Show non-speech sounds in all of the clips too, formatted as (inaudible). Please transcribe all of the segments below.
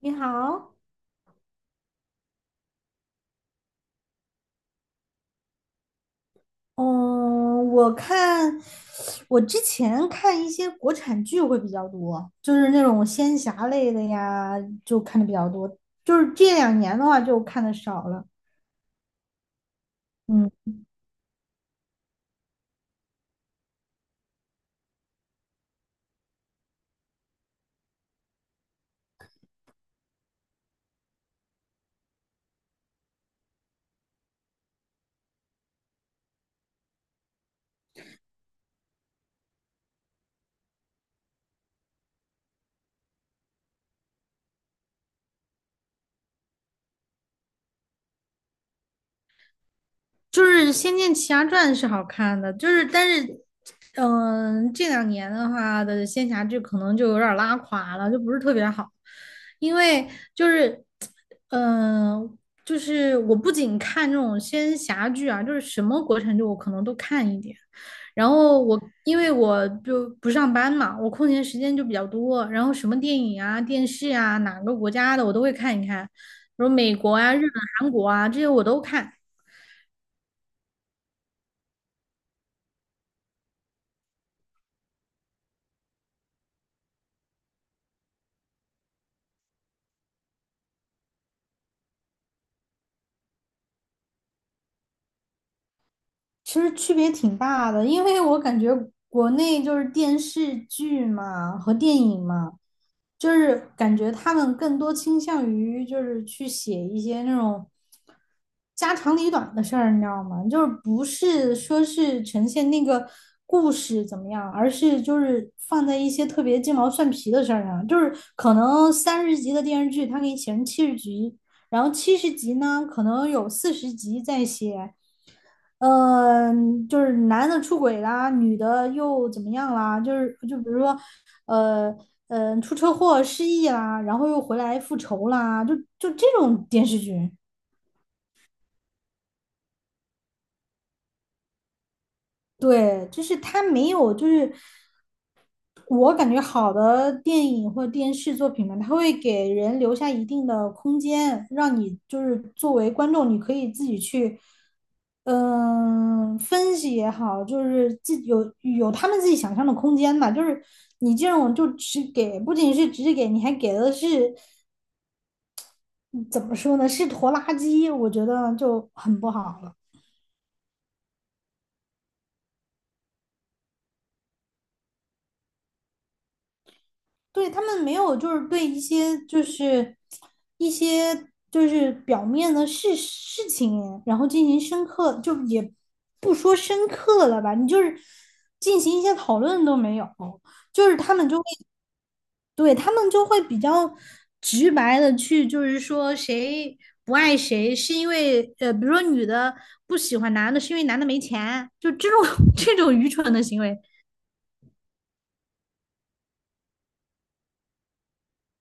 你好。嗯，我看我之前看一些国产剧会比较多，就是那种仙侠类的呀，就看的比较多。就是这两年的话，就看的少了。嗯。就是《仙剑奇侠传》是好看的，但是,这两年的话的仙侠剧可能就有点儿拉垮了，就不是特别好，因为就是，嗯、就是我不仅看这种仙侠剧啊，就是什么国产剧我可能都看一点，然后我因为我就不上班嘛，我空闲时间就比较多，然后什么电影啊、电视啊，哪个国家的我都会看一看，比如美国啊、日本、韩国啊这些我都看。其实区别挺大的，因为我感觉国内就是电视剧嘛和电影嘛，就是感觉他们更多倾向于就是去写一些那种家长里短的事儿，你知道吗？就是不是说是呈现那个故事怎么样，而是就是放在一些特别鸡毛蒜皮的事儿上，就是可能30集的电视剧，它给你写成七十集，然后七十集呢，可能有40集在写。嗯，就是男的出轨啦，女的又怎么样啦？就是就比如说，呃出车祸失忆啦，然后又回来复仇啦，就这种电视剧。对，就是它没有，就是我感觉好的电影或电视作品嘛，它会给人留下一定的空间，让你就是作为观众，你可以自己去，分析也好，就是自己有他们自己想象的空间吧。就是你这种就只给，不仅是只给，你还给的是嗯怎么说呢？是拖拉机，我觉得就很不好了。对，他们没有，就是对一些就是表面的事情，然后进行深刻，就也不说深刻了吧，你就是进行一些讨论都没有，就是他们就会对他们就会比较直白的去，就是说谁不爱谁是因为比如说女的不喜欢男的是因为男的没钱，就这种 (laughs) 这种愚蠢的行为。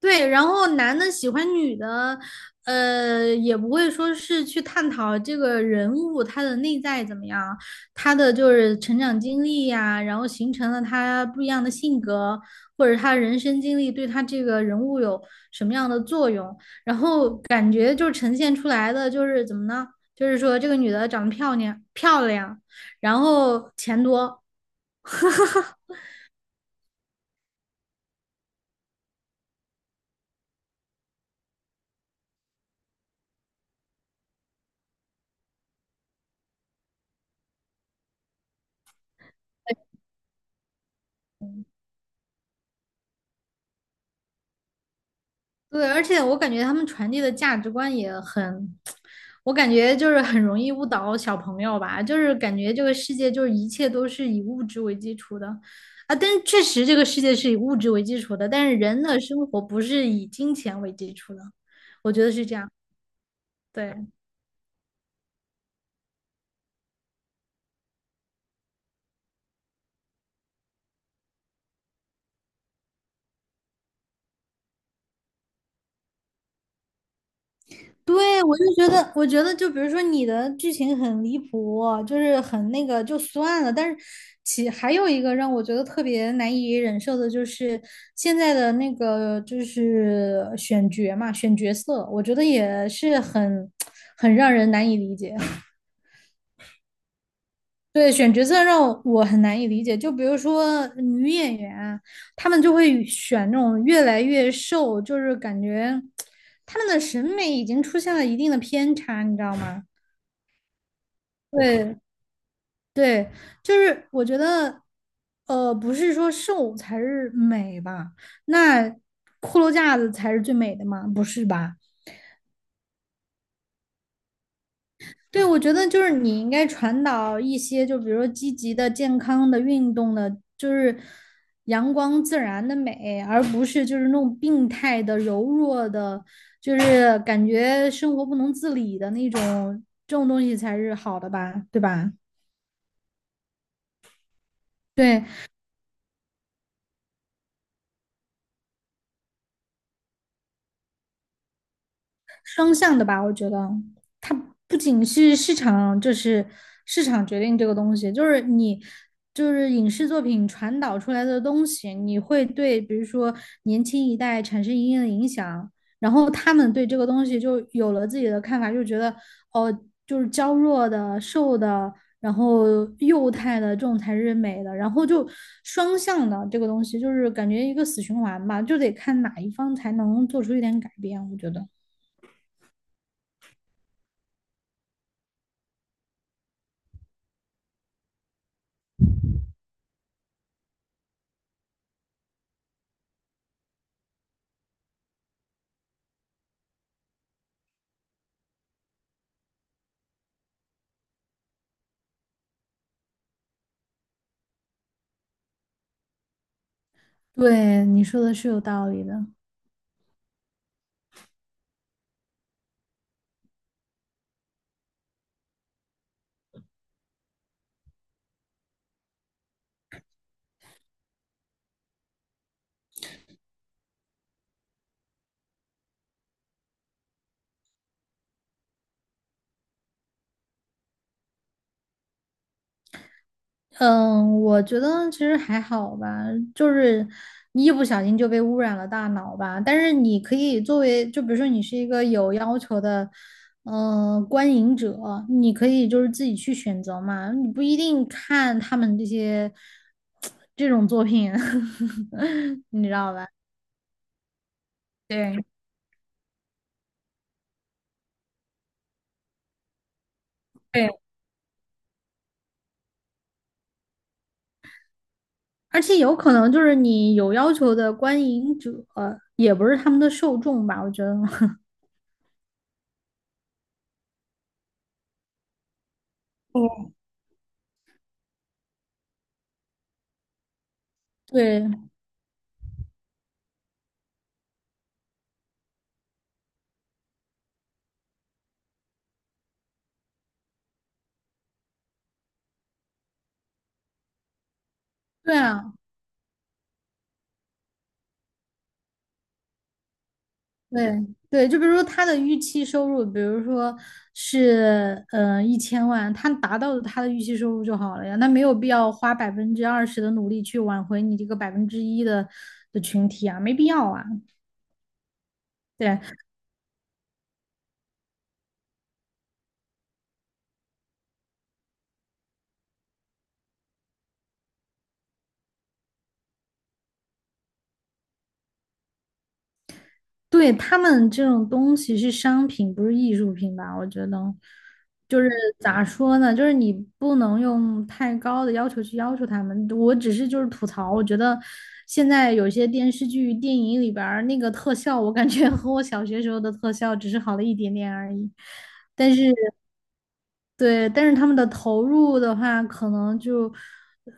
对，然后男的喜欢女的，也不会说是去探讨这个人物他的内在怎么样，他的就是成长经历呀，然后形成了他不一样的性格，或者他人生经历对他这个人物有什么样的作用，感觉就呈现出来的就是怎么呢？就是说这个女的长得漂亮，然后钱多。(laughs) 哈哈哈。对，而且我感觉他们传递的价值观也很，我感觉就是很容易误导小朋友吧，就是感觉这个世界就是一切都是以物质为基础的，啊，但是确实这个世界是以物质为基础的，但是人的生活不是以金钱为基础的，我觉得是这样。对。对，我就觉得，我觉得就比如说你的剧情很离谱，就是很那个就算了。但是其还有一个让我觉得特别难以忍受的就是现在的那个就是选角嘛，选角色，我觉得也是很 (tsk) 很让人难以理解。(laughs) 对，选角色让我很难以理解。就比如说女演员啊，她们就会选那种越来越瘦，就是感觉她们的审美已经出现了一定的偏差，你知道吗？对。对，就是我觉得，不是说瘦才是美吧？那骷髅架子才是最美的吗？不是吧？对，我觉得就是你应该传导一些，就比如说积极的、健康的、运动的，就是阳光自然的美，而不是就是那种病态的、柔弱的，就是感觉生活不能自理的那种，这种东西才是好的吧？对吧？对，双向的吧，我觉得它不仅是市场，就是市场决定这个东西，就是你就是影视作品传导出来的东西，你会对比如说年轻一代产生一定的影响，然后他们对这个东西就有了自己的看法，就觉得哦，就是娇弱的、瘦的，然后幼态的这种才是美的，然后就双向的这个东西，就是感觉一个死循环吧，就得看哪一方才能做出一点改变，我觉得。对，你说的是有道理的。嗯，我觉得其实还好吧，就是你一不小心就被污染了大脑吧。但是你可以作为，就比如说你是一个有要求的，观影者，你可以就是自己去选择嘛，你不一定看他们这些 (tsk) 这种作品。(laughs) 你知道吧？对。对，而且有可能就是你有要求的观影者，也不是他们的受众吧，我觉得。(laughs) 对。对啊，对对，就比如说他的预期收入，比如说是1000万，他达到了他的预期收入就好了呀，那没有必要花20%的努力去挽回你这个1%的群体啊，没必要啊。对。对，他们这种东西是商品，不是艺术品吧？我觉得，就是咋说呢，就是你不能用太高的要求去要求他们。我只是就是吐槽，我觉得现在有些电视剧、电影里边儿那个特效，我感觉和我小学时候的特效只是好了一点点而已。但是。对，但是他们的投入的话，可能就，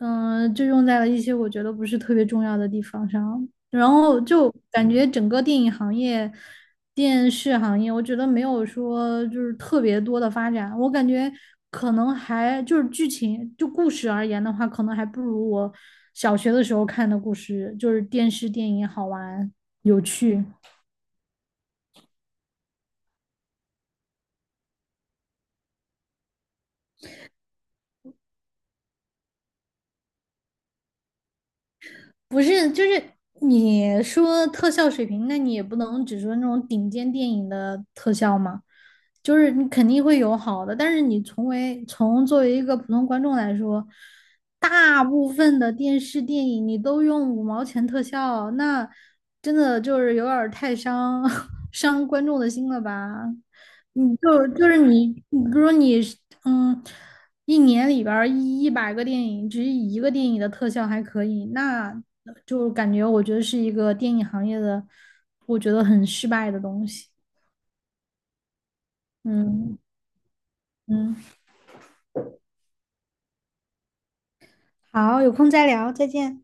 就用在了一些我觉得不是特别重要的地方上。然后就感觉整个电影行业、电视行业，我觉得没有说就是特别多的发展。我感觉可能还就是剧情，就故事而言的话，可能还不如我小学的时候看的故事，就是电视电影好玩有趣。不是，就是你说特效水平，那你也不能只说那种顶尖电影的特效嘛，就是你肯定会有好的，但是你从作为一个普通观众来说，大部分的电视电影你都用五毛钱特效，那真的就是有点儿太伤 (laughs) 伤观众的心了吧？你就就是你，你比如说你是嗯。一年里边儿一百个电影，只有一个电影的特效还可以，那就感觉我觉得是一个电影行业的，我觉得很失败的东西。嗯。嗯，好，有空再聊，再见。